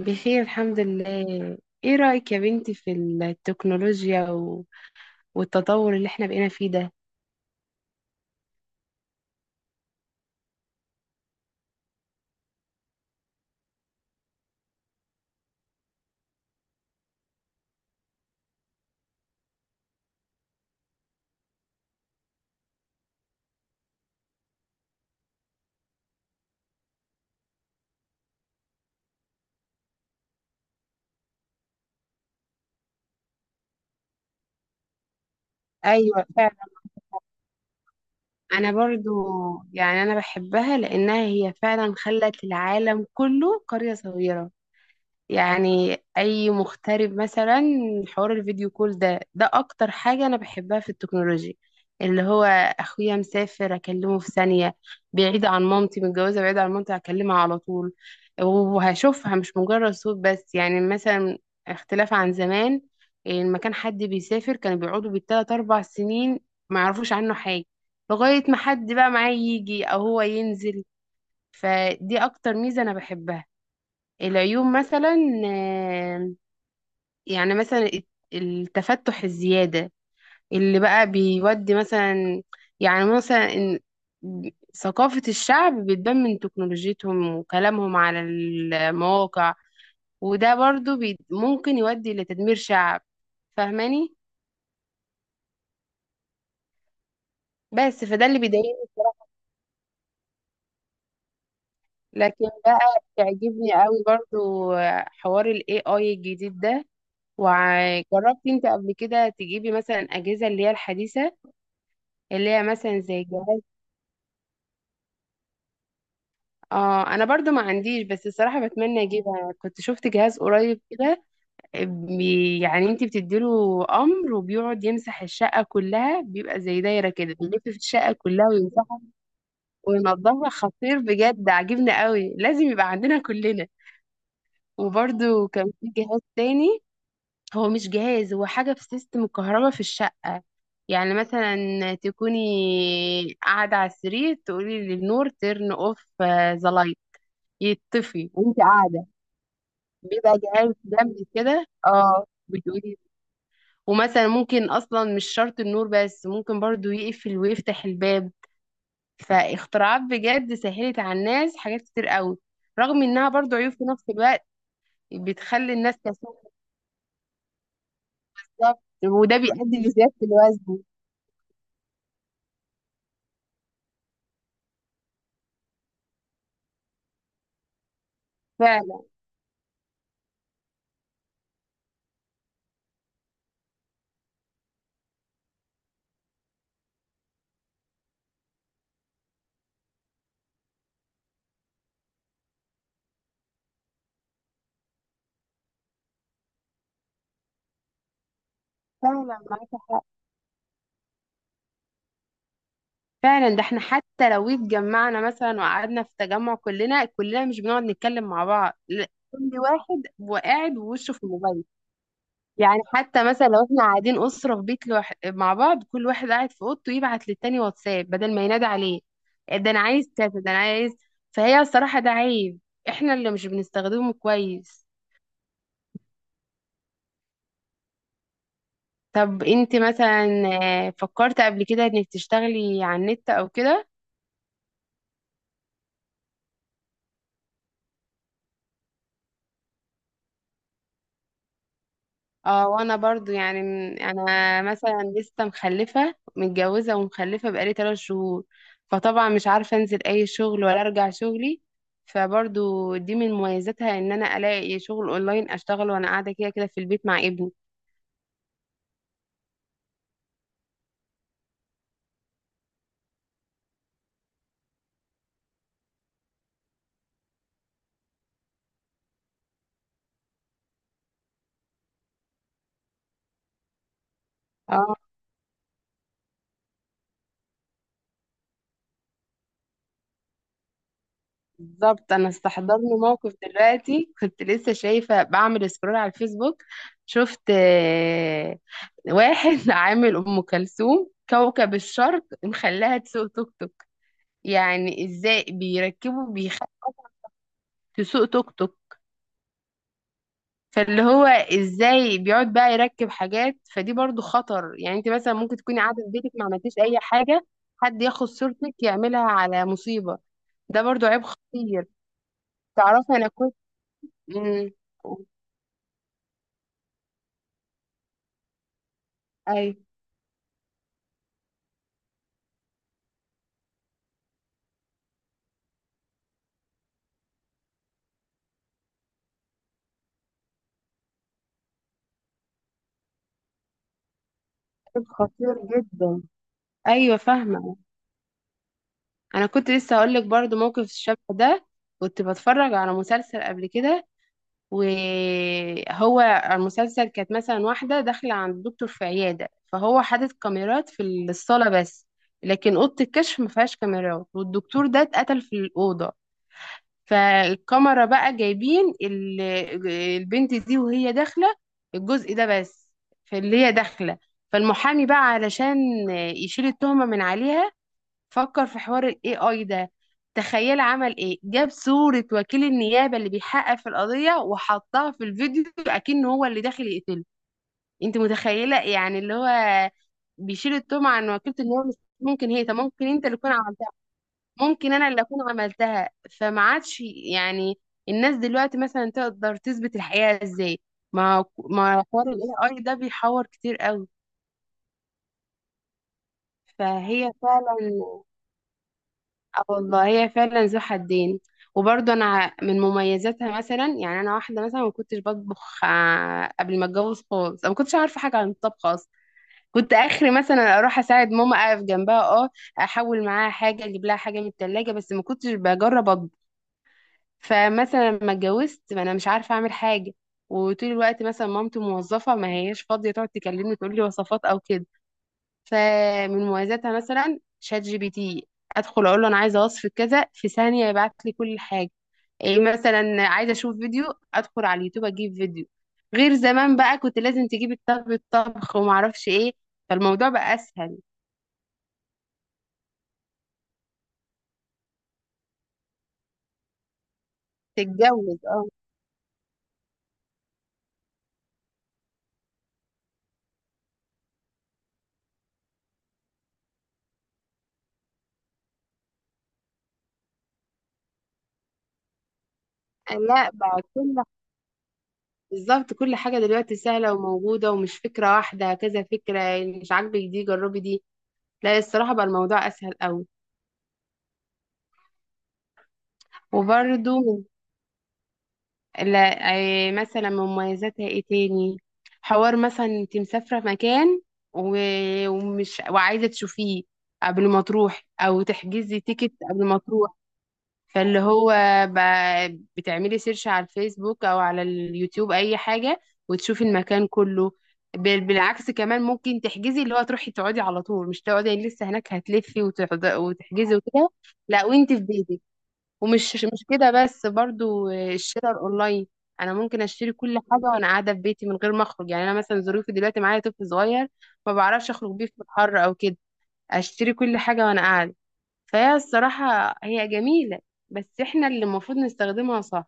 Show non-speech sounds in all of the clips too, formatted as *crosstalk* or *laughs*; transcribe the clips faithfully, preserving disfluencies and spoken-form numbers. بخير الحمد لله. ايه رأيك يا بنتي في التكنولوجيا و... والتطور اللي احنا بقينا فيه ده؟ ايوه فعلا. انا برضو يعني انا بحبها لانها هي فعلا خلت العالم كله قرية صغيرة. يعني اي مغترب مثلا حوار الفيديو كول ده ده اكتر حاجة انا بحبها في التكنولوجيا. اللي هو اخويا مسافر اكلمه في ثانية. بعيد عن مامتي متجوزة بعيد عن مامتي هكلمها على طول، وهشوفها مش مجرد صوت بس. يعني مثلا اختلاف عن زمان، لما كان حد بيسافر كانوا بيقعدوا بالتلات اربع سنين ما يعرفوش عنه حاجة، لغاية ما حد بقى معاه يجي او هو ينزل. فدي اكتر ميزة انا بحبها. العيوب مثلا آه، يعني مثلا الت- التفتح الزيادة اللي بقى بيودي مثلا. يعني مثلا إن- ثقافة الشعب بتبان من تكنولوجيتهم وكلامهم على المواقع، وده برضو بي ممكن يودي لتدمير شعب، فاهماني؟ بس فده اللي بيضايقني. لكن بقى بيعجبني قوي برضو حوار ال إيه آي الجديد ده. وجربتي انت قبل كده تجيبي مثلا أجهزة اللي هي الحديثة، اللي هي مثلا زي جهاز؟ اه انا برضو ما عنديش، بس الصراحه بتمنى اجيبها. كنت شفت جهاز قريب كده. بي- يعني انت بتديله امر وبيقعد يمسح الشقه كلها، بيبقى زي دايره كده بيلف في الشقه كلها ويمسحها وينضفها. خطير بجد، عاجبني قوي، لازم يبقى عندنا كلنا. وبرضو كان في جهاز تاني، هو مش جهاز، هو حاجه في سيستم الكهرباء في الشقه. يعني مثلا تكوني قاعده على السرير تقولي للنور ترن اوف ذا لايت، يطفي وانت قاعده. بيبقى جهاز جنبي كده، اه، بتقولي. ومثلا ممكن اصلا مش شرط النور بس، ممكن برضو يقفل ويفتح الباب. فاختراعات بجد سهلت على الناس حاجات كتير قوي، رغم انها برضو عيوب في نفس الوقت، بتخلي الناس كسول. بالظبط وده بيؤدي لزيادة الوزن. فعلا. فعلا معاك حق. فعلا ده احنا حتى لو اتجمعنا مثلا وقعدنا في تجمع كلنا كلنا مش بنقعد نتكلم مع بعض، لا، كل واحد وقاعد ووشه في الموبايل. يعني حتى مثلا لو احنا قاعدين أسرة في بيت لوح... مع بعض، كل واحد قاعد في أوضته يبعت للتاني واتساب بدل ما ينادي عليه. ده أنا عايز كذا، ده أنا عايز. فهي الصراحة ده عيب احنا اللي مش بنستخدمه كويس. طب انت مثلا آه، فكرت قبل كده انك تشتغلي على النت او كده؟ اه وانا برضو يعني م- انا مثلا لسه مخلفه، متجوزه ومخلفه بقالي ثلاث شهور، فطبعا مش عارفه انزل اي شغل ولا ارجع شغلي. فبرضو دي من مميزاتها ان انا الاقي شغل اونلاين اشتغل وانا قاعده كده كده في البيت مع ابني. اه بالظبط، انا استحضرني موقف دلوقتي، كنت لسه شايفه بعمل سكرول على الفيسبوك، شفت آه، واحد *laughs* عامل ام كلثوم كوكب الشرق مخليها تسوق توك توك. يعني ازاي بيركبوا بيخلوا تسوق توك توك؟ فاللي هو ازاي بيقعد بقى يركب حاجات. فدي برضو خطر، يعني انت مثلا ممكن تكوني قاعده في بيتك ما عملتيش اي حاجه، حد ياخد صورتك يعملها على مصيبه. ده برضو عيب خطير. تعرفي انا كنت امم اي عيب خطير جدا. ايوه فاهمه. انا كنت لسه هقول لك برضو موقف الشبه ده. كنت بتفرج على مسلسل قبل كده، وهو المسلسل كانت مثلا واحدة داخلة عند الدكتور في عيادة، فهو حاطط كاميرات في الصالة بس، لكن أوضة الكشف ما فيهاش كاميرات. والدكتور ده اتقتل في الأوضة. فالكاميرا بقى جايبين ال- البنت دي وهي داخلة الجزء ده بس، في اللي هي داخلة. فالمحامي بقى علشان يشيل التهمة من عليها فكر في حوار ال إيه آي ده. تخيل عمل ايه، جاب صورة وكيل النيابة اللي بيحقق في القضية وحطها في الفيديو اكن هو اللي داخل يقتله. انت متخيلة؟ يعني اللي هو بيشيل التهمة عن وكيلة النيابة، مش ممكن هي، طب ممكن انت اللي تكون عملتها، ممكن انا اللي اكون عملتها. فما عادش يعني الناس دلوقتي مثلا تقدر تثبت الحقيقة ازاي؟ ما ما حوار ال إيه آي ده بيحور كتير قوي. فهي فعلا، اه والله هي فعلا ذو حدين. وبرضه انا ع- من مميزاتها مثلا يعني انا واحده مثلا ما كنتش بطبخ آه، قبل ما اتجوز خالص. أنا ما كنتش عارفه حاجه عن الطبخ اصلا. كنت اخري مثلا اروح اساعد ماما اقف جنبها، اه، احول معاها حاجه اجيب لها حاجه من التلاجة، بس ما كنتش بجرب اطبخ. فمثلا لما اتجوزت ما انا مش عارفه اعمل حاجه. وطول الوقت مثلا مامتي موظفه ما هياش فاضيه تقعد تكلمني تقول لي وصفات او كده. فمن مميزاتها مثلا شات جي بي تي، ادخل اقول له انا عايزه وصف كذا في ثانيه يبعت لي كل حاجه. ايه مثلا عايزه اشوف فيديو، ادخل على اليوتيوب اجيب فيديو. غير زمان بقى كنت لازم تجيب الطبخ الطبخ وما اعرفش ايه. فالموضوع بقى اسهل. تتجوز اه. لا بقى كل بالظبط، كل حاجه دلوقتي سهله وموجوده ومش فكره واحده، كذا فكره. مش عاجبك دي جربي دي. لا الصراحه بقى الموضوع اسهل قوي. وبرده لا، أي مثلا مميزاتها ايه تاني؟ حوار مثلا انت مسافرة في مكان و- ومش وعايزة تشوفيه قبل ما تروح او تحجزي تيكت قبل ما تروح، فاللي هو ب- بتعملي سيرش على الفيسبوك او على اليوتيوب اي حاجة وتشوفي المكان كله. بال- بالعكس كمان ممكن تحجزي اللي هو تروحي تقعدي على طول، مش تقعدي لسه هناك هتلفي وتحض- وتحجزي وكده. لا وانت في بيتك. ومش مش كده بس، برضو الشراء الاونلاين، انا ممكن اشتري كل حاجه وانا قاعده في بيتي من غير ما اخرج. يعني انا مثلا ظروفي دلوقتي معايا طفل صغير، ما بعرفش اخرج بيه في الحر او كده، اشتري كل حاجه وانا قاعده. فهي الصراحه هي جميله، بس احنا اللي المفروض نستخدمها صح.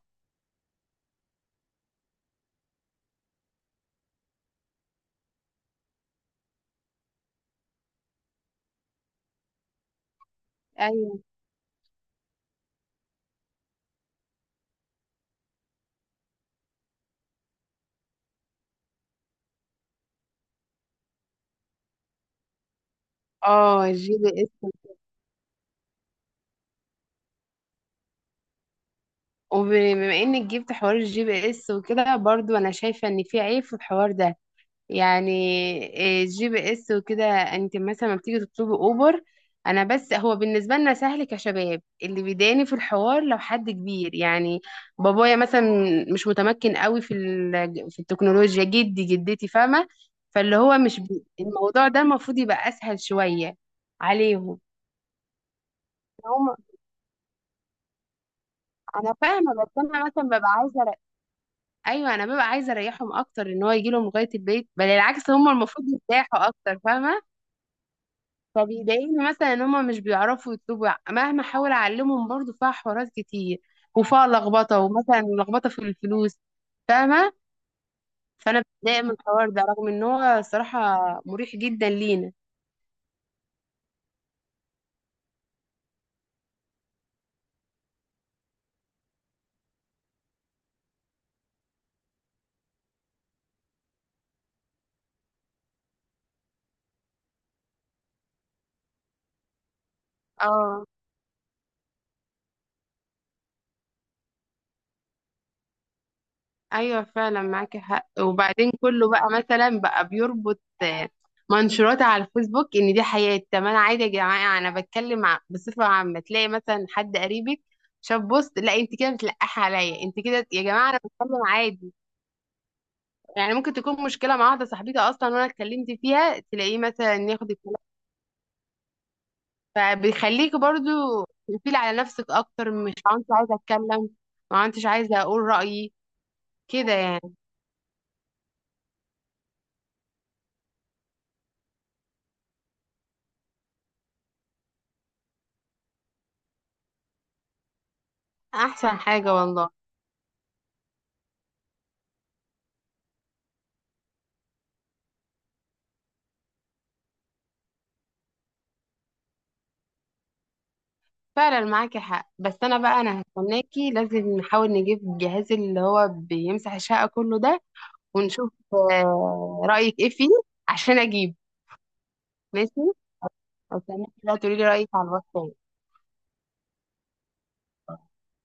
ايوه. اه الجي بي اس. وبما انك جبت حوار الجي بي اس وكده برضو انا شايفه ان في عيب في الحوار ده. يعني إيه، جي بي اس وكده، انت مثلا لما بتيجي تطلبي اوبر، انا بس هو بالنسبه لنا سهل كشباب، اللي بيضايقني في الحوار لو حد كبير، يعني بابايا مثلا مش متمكن قوي في ال- في التكنولوجيا، جدي جدتي، فاهمه. فاللي هو مش بي... الموضوع ده المفروض يبقى اسهل شويه عليهم. هم انا فاهمه، بس انا مثلا ببقى عايزه أريح- ايوه انا ببقى عايزه اريحهم اكتر، ان هو يجي لهم لغايه البيت، بل العكس هم المفروض يرتاحوا اكتر، فاهمه. فبيضايقني مثلا ان هما مش بيعرفوا يطلبوا، مهما احاول اعلمهم برضو فيها حوارات كتير وفيها لخبطه، ومثلا لخبطه في الفلوس. فاهمه. فانا بتضايق من الحوار ده رغم ان هو صراحه مريح جدا لينا. اه ايوه فعلا معاكي حق. وبعدين كله بقى مثلا بقى بيربط آه، منشورات على الفيسبوك ان دي حياتي. طب انا عادي يا جماعه انا بتكلم ع- بصفه عامه. تلاقي مثلا حد قريبك شاف بوست، لا انت كده بتلقحي عليا، انت كده. يا جماعه انا بتكلم عادي. يعني ممكن تكون مشكلة مع واحدة صاحبتي أصلا وأنا اتكلمت فيها، تلاقيه مثلا ياخد الكلام. فبيخليك برضو تقفيل على نفسك أكتر، مش عارفة عايزة أتكلم. ما عدتش عايزة أقول رأيي كده يعني. أحسن حاجة والله. فعلا معاكي حق. بس أنا بقى أنا هستناكي لازم نحاول نجيب الجهاز اللي هو بيمسح الشقة كله ده، ونشوف آه، رأيك إيه فيه عشان أجيب. ماشي هستناكي بقى تقولي لي رأيك على الواتساب.